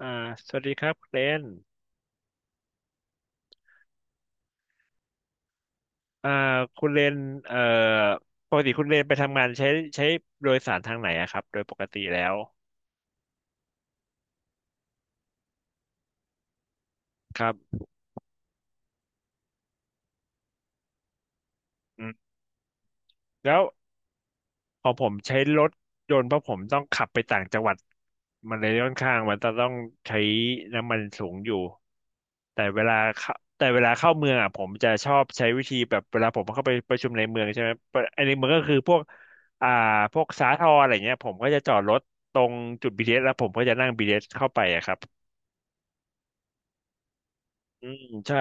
อ่าสวัสดีครับคุณเลนอ่าคุณเลนเอ่อปกติคุณเลนไปทำงานใช้โดยสารทางไหนอะครับ โดยปกติแล้วครับอืมแล้ว พอผมใช้รถยนต์เพราะผมต้องขับไปต่างจังหวัดมันเลยค่อนข้างมันจะต้องใช้น้ำมันสูงอยู่แต่เวลาเข้าเมืองอ่ะผมจะชอบใช้วิธีแบบเวลาผมเข้าไปประชุมในเมืองใช่ไหมไอ้ในเมืองก็คือพวกอ่าพวกสาทรอะไรเงี้ยผมก็จะจอดรถตรงจุดบทีเ t สแล้วผมก็จะนั่งบีทีเ t สเข้าไปอะครับอืมใช่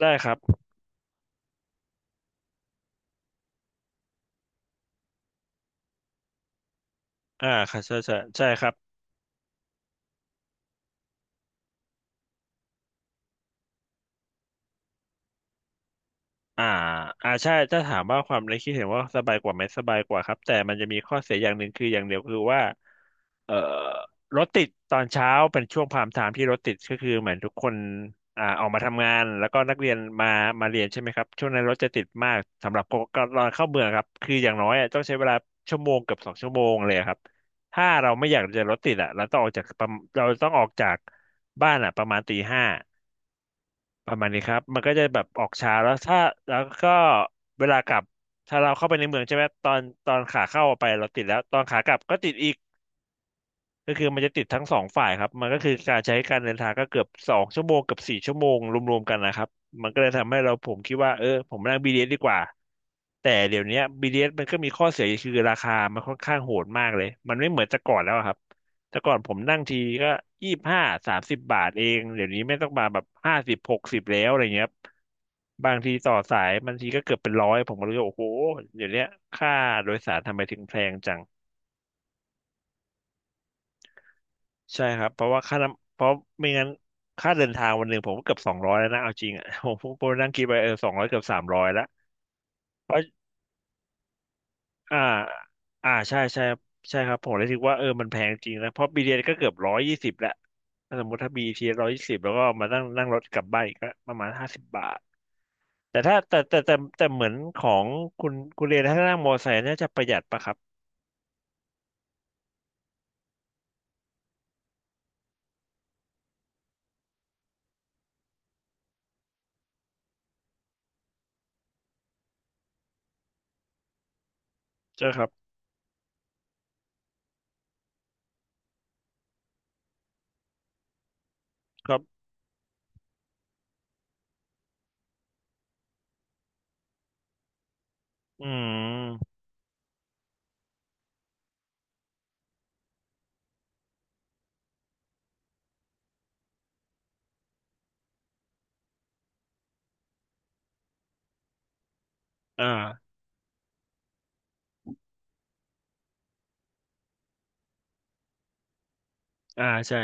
ได้ครับอ่าค่ะใช่ใช่ใช่ครับ อ่าอ่าใช่ถ้าถามว่าความในคิดเห็นว่าสบายกว่าไหมสบายกว่าครับแต่มันจะมีข้อเสียอย่างหนึ่งคืออย่างเดียวคือว่าเอ่อรถติดตอนเช้าเป็นช่วงพามไทม์ที่รถติดก็คือเหมือนทุกคนออกมาทำงานแล้วก็นักเรียนมาเรียนใช่ไหมครับช่วงนั้นรถจะติดมากสำหรับคนก็ตอนเข้าเมืองครับคืออย่างน้อยอะต้องใช้เวลาชั่วโมงเกือบสองชั่วโมงเลยครับถ้าเราไม่อยากจะรถติดอ่ะเราต้องออกจากบ้านอ่ะประมาณตีห้า ประมาณนี้ครับ มันก็จะแบบออกช้าแล้วถ้าแล้วก็เวลากลับถ้าเราเข้าไปในเมืองใช่ไหมตอนขาเข้าไปเราติดแล้วตอนขากลับก็ติดอีก ก็คือมันจะติดทั้งสองฝ่ายครับมันก็คือการใช้การเดินทางก็เกือบสองชั่วโมงกับสี่ชั่วโมงรวมๆกันนะครับมันก็เลยทำให้เราผมคิดว่าเออผมนั่ง b t สดีกว่าแต่เดี๋ยวเนี้ยบีดีเ t สมันก็มีข้อเสียคือราคามันค่อนข้างโหดมากเลยมันไม่เหมือนแต่ก่อนแล้วอะครับแต่ก่อนผมนั่งทีก็2530บาทเองเดี๋ยวนี้ไม่ต้องมาแบบห้าสิบ60แล้วอะไรเงี้ยครับบางทีต่อสายบางทีก็เกือบเป็นร้อยผมก็รู้ว่าโอ้โหเดี๋ยวเนี้ยค่าโดยสารทำไมถึงแพงจัง ใช่ครับเพราะว่าค่าน้ำเพราะไม่งั้นค่าเดินทางวันหนึ่งผมก็เกือบสองร้อยแล้วนะเอาจริงอ่ะ ผมนั่งคิดไปเออสองร้อยเกือบ300แล้วเพราะอ่าอ่าใช่ใช่ใช่ครับผมเลยคิดว่าเออมันแพงจริงนะเพราะบีทีเอสก็เกือบร้อยยี่สิบแล้วถ้าสมมติถ้าบีทีเอสร้อยยี่สิบแล้วก็มานั่งนั่งรถกลับบ้านอีกก็ประมาณห้าสิบบาทแต่ถ้าแต่แต่แต่แต่เหมือนของคุณเรียนถ้านั่งมอเตอร์ไซค์น่าจะประหยัดปะครับใช่ครับครับอืมอ่าอ่าใช่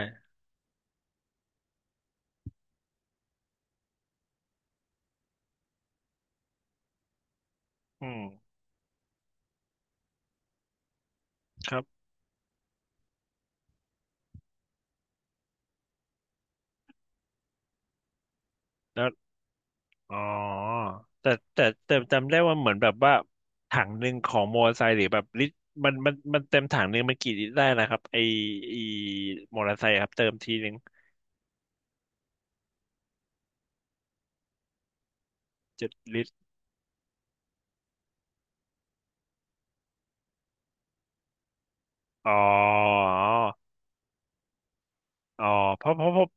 อืมครับแล้ว อ๋อแต่แต่จำได้ว่าเหมือนแบบว่าถังหนึ่งของมอเตอร์ไซค์หรือแบบลิตรมันเต็มถังหนึ่งมันกี่ลิตรได้นะครับไอมอเตอร์ไซค์ครับเติมทีหนึ่ง7ลิตรอ๋ออ๋อเพราะเพราะเพราะ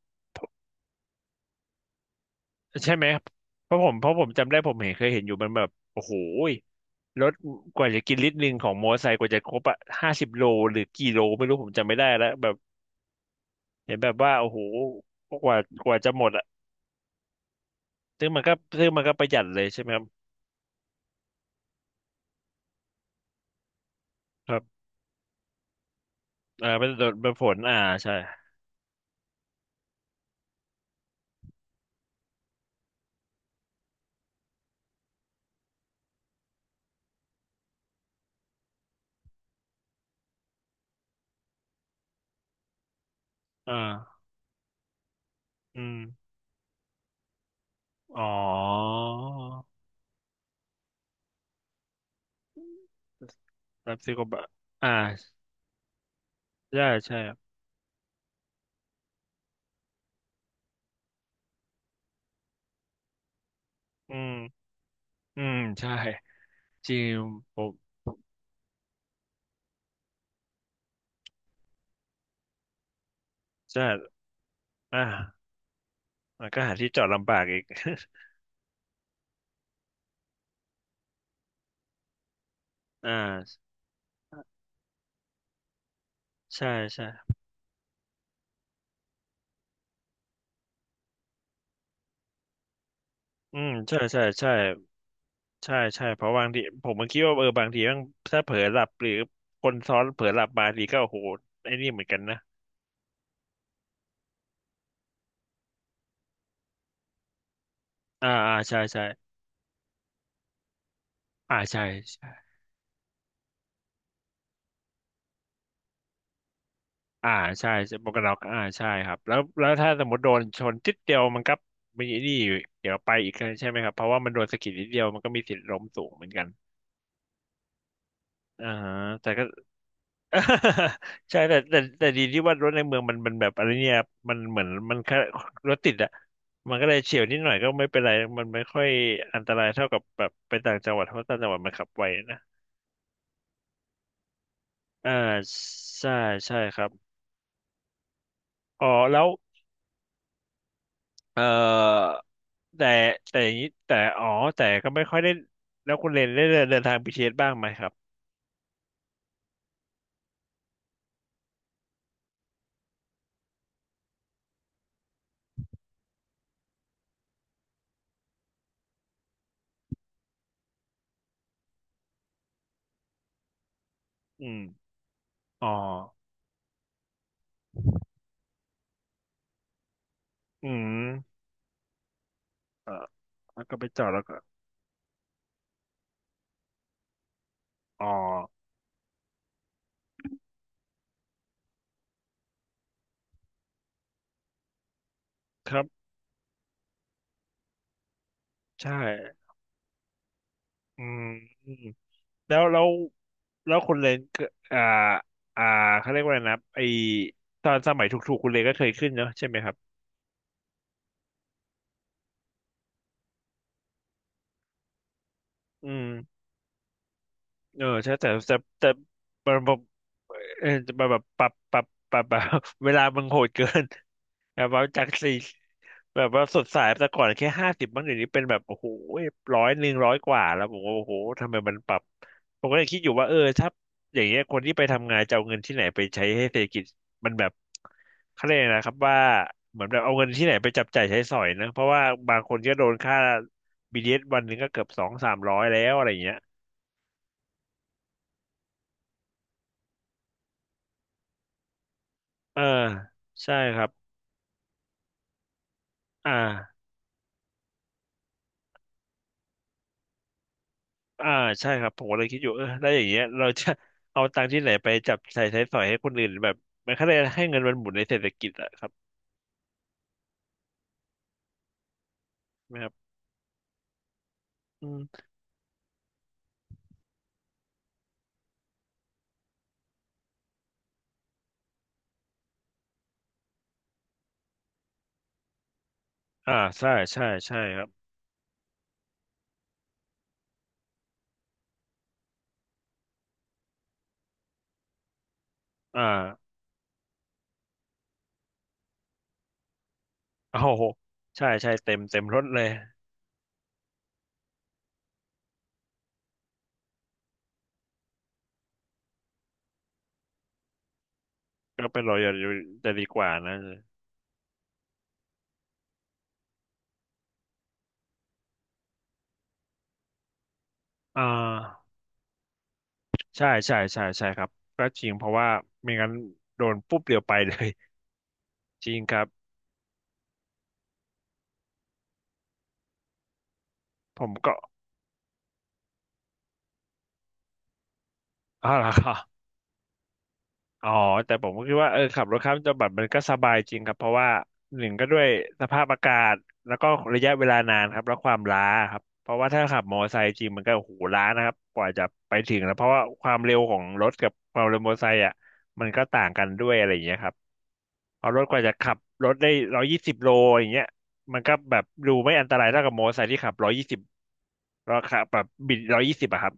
ใช่ไหมครับเพราะผมจำได้ผมเห็นเคยเห็นอยู่มันแบบโอ้โหยรถกว่าจะกินลิตรหนึ่งของมอเตอร์ไซค์กว่าจะครบอะห้าสิบโลหรือกี่โลไม่รู้ผมจำไม่ได้แล้วแบบเห็นแบบว่าโอ้โหกว่ากว่าจะหมดอะซึ่งมันก็ซึ่งมันก็ประหยัดเลยใช่ไหมครับ ครับอ่าเป็นโดนเป็นฝนอ่าใช่อ่าอืมอ๋อรับซิโกบะอ่าใช่ใช่ครับอืมอืมใช่จริงผมใช่อ่ามันก็หาที่จอดลำบากอีก อ่าใช่ใช่อืมใช่ใช่ใช่ใช่ใช่เพราะบางทีผมมันคิดว่าเออบางทีมันถ้าเผลอหลับหรือคนซ้อนเผลอหลับมาทีก็โอ้โหไอ้นี่เหมือนกันนะอ่าอ่าใช่ใช่อ่าใช่ อ่าใช่ใช่หมวกกันน็อกอ่าใช่ครับแล้วถ้าสมมติโดนชนจิดเดียวมันก็มีนี่อยู่เดี๋ยวไปอีกใช่ไหมครับเพราะว่ามันโดนสะกิดนิดเดียวมันก็มีสิทธิ์ล้มสูงเหมือนกันอ่าฮะแต่ก็ ใช่แต่ดีที่ว่ารถในเมืองมันแบบอะไรเนี่ยมันเหมือนมันแค่รถติดอะมันก็เลยเฉียวนิดหน่อยก็ไม่เป็นไรมันไม่ค่อยอันตรายเท่ากับแบบไปต่างจังหวัดเพราะต่างจังหวัดมันขับไวนะอ่าใช่ใช่ครับอ๋อแล้วเอ่อ แต่แต่อย่างนี้แต่อ๋อแต่ก็ไม่ค่อยได้แล้วคุณเรนได้เดินเดินทางไปเศษบ้างไหมครับอืมอ๋ออืมเออแล้วก็ไปจอดแล้วก็อ๋อครับใช่อืมอืมแล้วแล้วแล้วคุณเรนก็อ่าอ่าเขาเรียกว่าอะไรนะตอนสมัยถูกๆคุณเรนก็เคยขึ้นเนอะใช่ไหมครับอืมเออใช่แต่มันแบบเออแบบปรับแบบ เวลามันโหดเกินแบบว่าจากสี่ แบบว่าสดใสแต่ก่อนแค่50บ้างเดี๋ยวนี้เป็นแบบโอ้โหร้อย100 กว่าแล้วผมก็โอ้โหทำไมมันปรับผมก็เลยคิดอยู่ว่าเออถ้าอย่างเงี้ยคนที่ไปทำงานจะเอาเงินที่ไหนไปใช้ให้เศรษฐกิจมันแบบเขาเรียกอะไรนะครับว่าเหมือนแบบเอาเงินที่ไหนไปจับจ่ายใช้สอยนะเพราะว่าบางคนก็โดนค่าบ b d ตวันหนึ่งก็เกือบ200-300แล้วอะไรอย่างเงี้ยเออใช่ครับอ่า อ่าใช่ครับผมก็เลยคิดอยู่เออแล้วอย่างเงี้ยเราจะ เอาตังค์ที่ไหนไปจับใส่ใช้สอยให้คนอื่นแบบมันแค่ได้ให้เงินมันหมุนในเศรษฐกิจอะครับใช่ไหมครับอืมอ่าใช่ใช่ใช่ครับอ่า โอ้โหใช่ใช่เต็มเต็มรถเลยก็ไปรออยู่จะดีกว่านะอ่าใช่ใช่ใช่ใช่ครับก็จริงเพราะว่าไม่งั้นโดนปุ๊บเดียวไปเลย จริงครับผมก็อ๋อเหรอ อ๋อแต่ผมก็คิดว่าเออขับรถข้ามจังหวัดมันก็สบายจริงครับเพราะว่าหนึ่งก็ด้วยสภาพอากาศแล้วก็ระยะเวลานานครับแล้วความล้าครับเพราะว่าถ้าขับมอเตอร์ไซค์จริงมันก็โอ้โหล้านะครับกว่าจะไปถึงแล้วเพราะว่าความเร็วของรถกับความเร็วมอเตอร์ไซค์อ่ะมันก็ต่างกันด้วยอะไรอย่างเงี้ยครับเพราะรถกว่าจะขับรถได้120 โลอย่างเงี้ยมันก็แบบดูไม่อันตรายเท่ากับมอเตอร์ไซค์ที่ขับร้อยยี่สิบเราขับแบบบิดร้อยยี่สิบอะครับ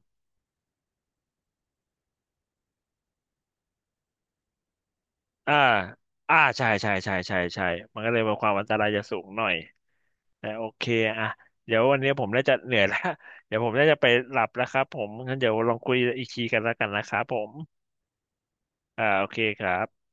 อ่าอ่า ใช่ใช่ใช่ใช่ใช่มันก็เลยมีความอันตรายจะสูงหน่อยแต่โอเคอ่ะเดี๋ยววันนี้ผมน่าจะเหนื่อยแล้ว เดี๋ยวผมน่าจะไปหลับแล้วครับผมงั้นเดี๋ยวลองคุยอีกทีกันแล้วกันนะครับผมอ่าโอเคครับ